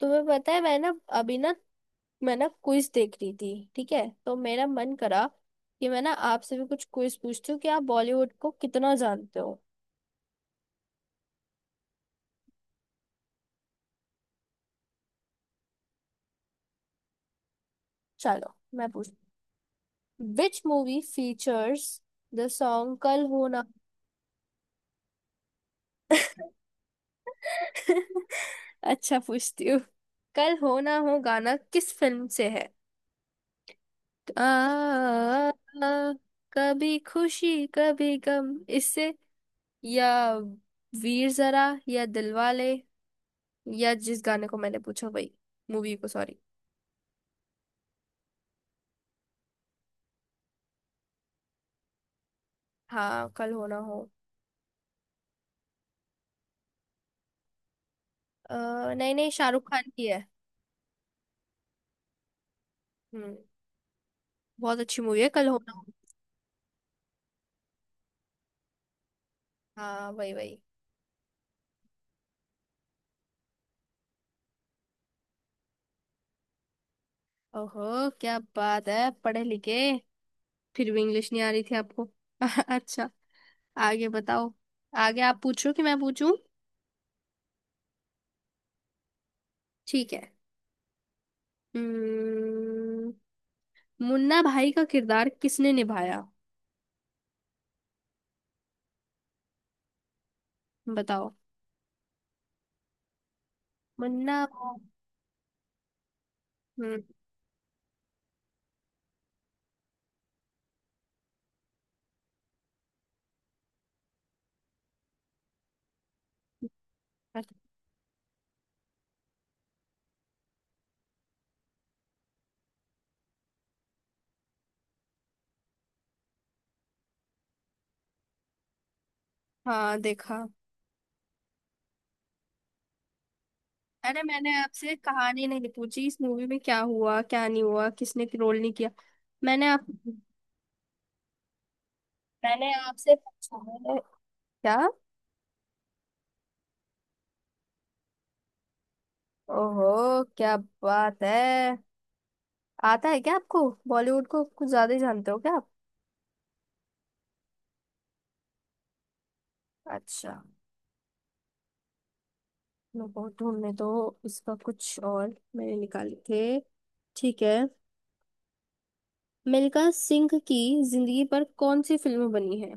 तुम्हें पता है मैं ना। अभी ना मैं ना क्विज देख रही थी। ठीक है तो मेरा मन करा कि मैं ना आपसे भी कुछ क्विज पूछती हूँ कि आप बॉलीवुड को कितना जानते हो। चलो मैं पूछ which movie features the song Kal Ho ना। अच्छा पूछती हूँ। कल हो ना हो गाना किस फिल्म से है? आ, आ, आ, कभी खुशी कभी गम इससे, या वीर जरा या दिलवाले, या जिस गाने को मैंने पूछा वही मूवी को? सॉरी। हाँ, कल हो ना हो। अ, नहीं नहीं, शाहरुख खान की है। हम्म। बहुत अच्छी मूवी है कल हो ना हो। हाँ वही वही। ओहो क्या बात है, पढ़े लिखे! फिर भी इंग्लिश नहीं आ रही थी आपको। अच्छा, आगे बताओ। आगे आप पूछो कि मैं पूछूं? ठीक है। हम्म। मुन्ना भाई का किरदार किसने निभाया? बताओ। मुन्ना। हम्म। अच्छा। हाँ देखा। अरे मैंने आपसे कहानी नहीं पूछी इस मूवी में क्या हुआ क्या नहीं हुआ किसने रोल नहीं किया। मैंने आप, मैंने आपसे पूछा है क्या? ओहो क्या बात है! आता है क्या आपको? बॉलीवुड को कुछ ज्यादा ही जानते हो क्या आप? अच्छा, मैं बहुत ढूंढने तो इसका कुछ और मैंने निकाले थे। ठीक है। मिल्खा सिंह की जिंदगी पर कौन सी फिल्म बनी है?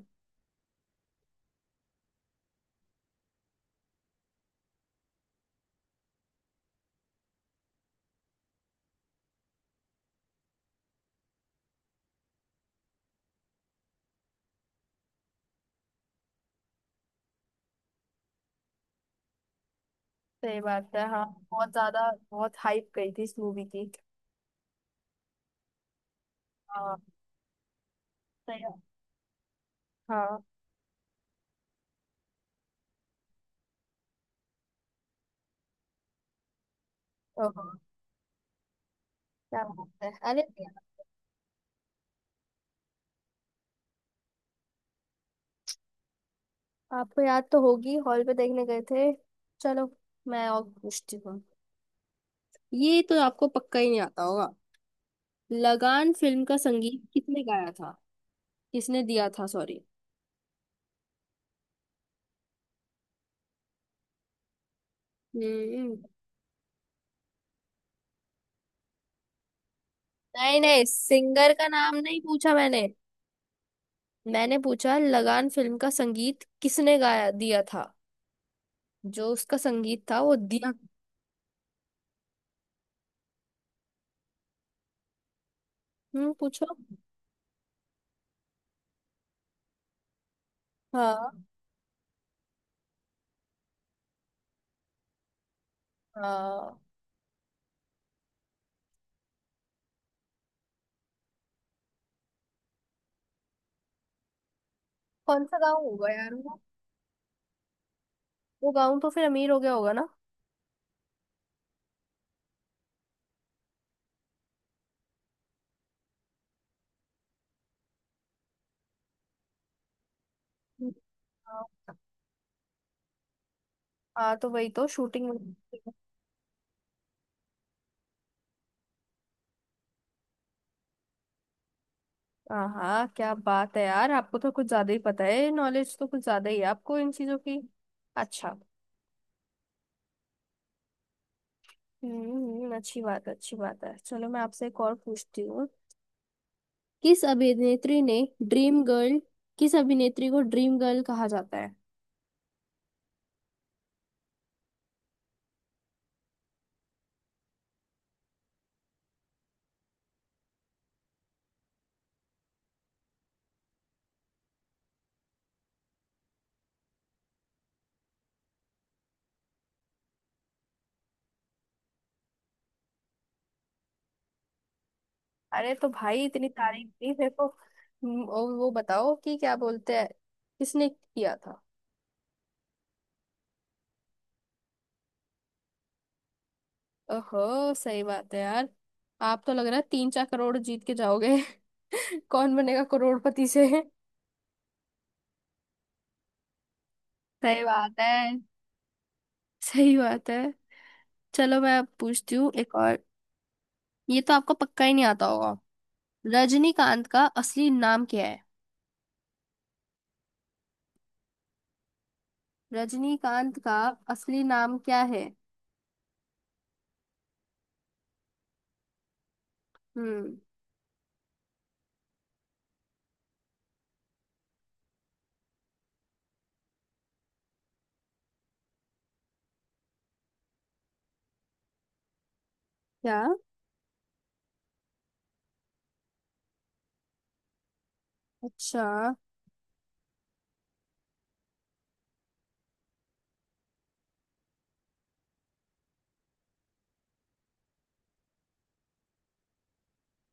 सही बात है हाँ। बहुत ज्यादा, बहुत हाइप गई थी इस मूवी की। हाँ। सही है। हाँ। ओहो क्या बात है! अरे आपको याद तो होगी, हॉल पे देखने गए थे। चलो मैं और पूछती हूँ। ये तो आपको पक्का ही नहीं आता होगा। लगान फिल्म का संगीत किसने गाया था? किसने दिया था, सॉरी। हम्म। नहीं नहीं, सिंगर का नाम नहीं पूछा मैंने। मैंने पूछा लगान फिल्म का संगीत किसने गाया दिया था। जो उसका संगीत था वो दिया। पूछो। हाँ हाँ। कौन सा गाँव होगा यार वो? वो गाँव तो फिर अमीर हो गया होगा ना। हाँ। हाँ तो वही तो शूटिंग। हाँ हाँ, क्या बात है यार, आपको तो कुछ ज्यादा ही पता है। नॉलेज तो कुछ ज्यादा ही है आपको इन चीजों की। अच्छा। अच्छी बात है, अच्छी बात है। चलो मैं आपसे एक और पूछती हूँ। किस अभिनेत्री ने ड्रीम गर्ल, किस अभिनेत्री को ड्रीम गर्ल कहा जाता है? अरे तो भाई इतनी तारीफ दी मेरे को। और वो बताओ कि क्या बोलते हैं, किसने किया था। ओहो सही बात है यार! आप तो लग रहा है तीन चार करोड़ जीत के जाओगे। कौन बनेगा करोड़पति से। सही बात है, सही बात है। चलो मैं अब पूछती हूँ एक और। ये तो आपको पक्का ही नहीं आता होगा। रजनीकांत का असली नाम क्या है? रजनीकांत का असली नाम क्या है। हम्म। क्या? अच्छा।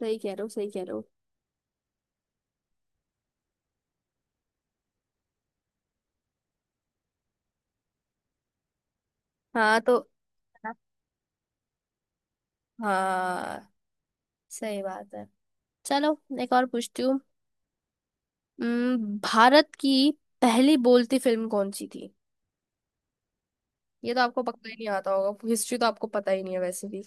सही कह रहे हो, सही कह रहे हो। हाँ तो। हाँ सही बात है। चलो एक और पूछती हूँ। भारत की पहली बोलती फिल्म कौन सी थी? ये तो आपको पक्का ही नहीं आता होगा, हिस्ट्री तो आपको पता ही नहीं है वैसे भी।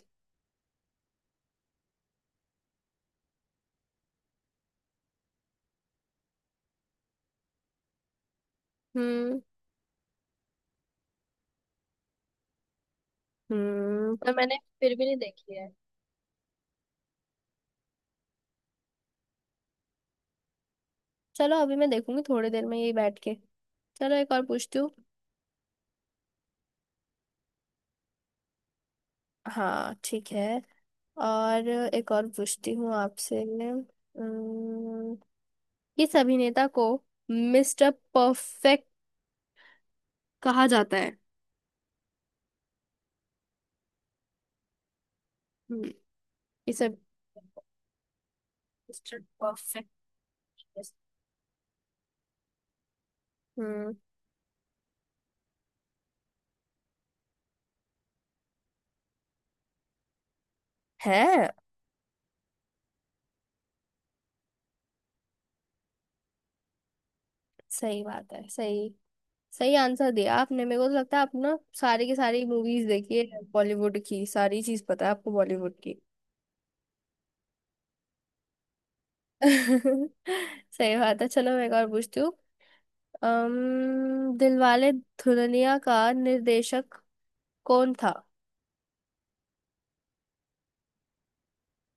हम्म। हम्म, पर मैंने फिर भी नहीं देखी है। चलो अभी मैं देखूंगी थोड़ी देर में यही बैठ के। चलो एक और पूछती हूँ। हाँ ठीक है। और एक और पूछती हूँ आपसे। किस अभिनेता को मिस्टर परफेक्ट कहा जाता है? हम्म। इस अब- मिस्टर परफेक्ट। हम्म। है। सही बात है, सही। सही आंसर दिया आपने। मेरे को तो लगता है आप ना सारी की सारी मूवीज देखी है बॉलीवुड की, सारी चीज पता है आपको बॉलीवुड की। सही बात है। चलो मैं एक और पूछती हूँ। दिलवाले दुल्हनिया का निर्देशक कौन था?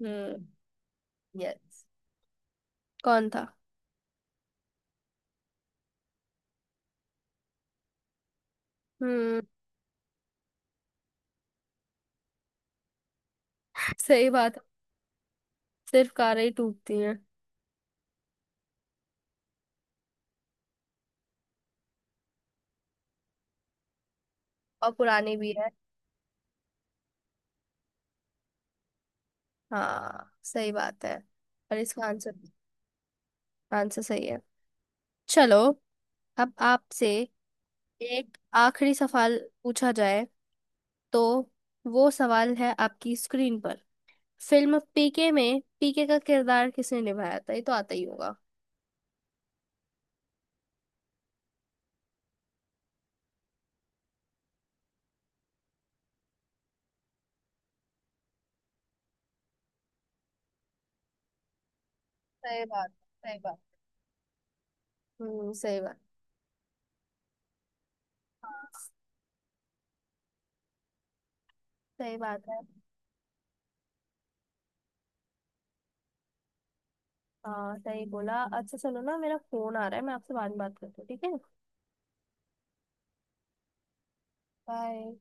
हम्म। यस, कौन था। हम्म। सही बात है। सिर्फ कारें ही टूटती हैं। और पुरानी भी है। हाँ सही बात है। और इसका आंसर। आंसर सही है। चलो अब आपसे एक आखिरी सवाल पूछा जाए, तो वो सवाल है आपकी स्क्रीन पर। फिल्म पीके में पीके का किरदार किसने निभाया था? ये तो आता ही होगा। सही बात, सही बात। सही बात। हाँ सही बात है। हाँ सही बोला। अच्छा चलो ना, मेरा फोन आ रहा है, मैं आपसे बाद में बात करती हूँ, ठीक है। बाय।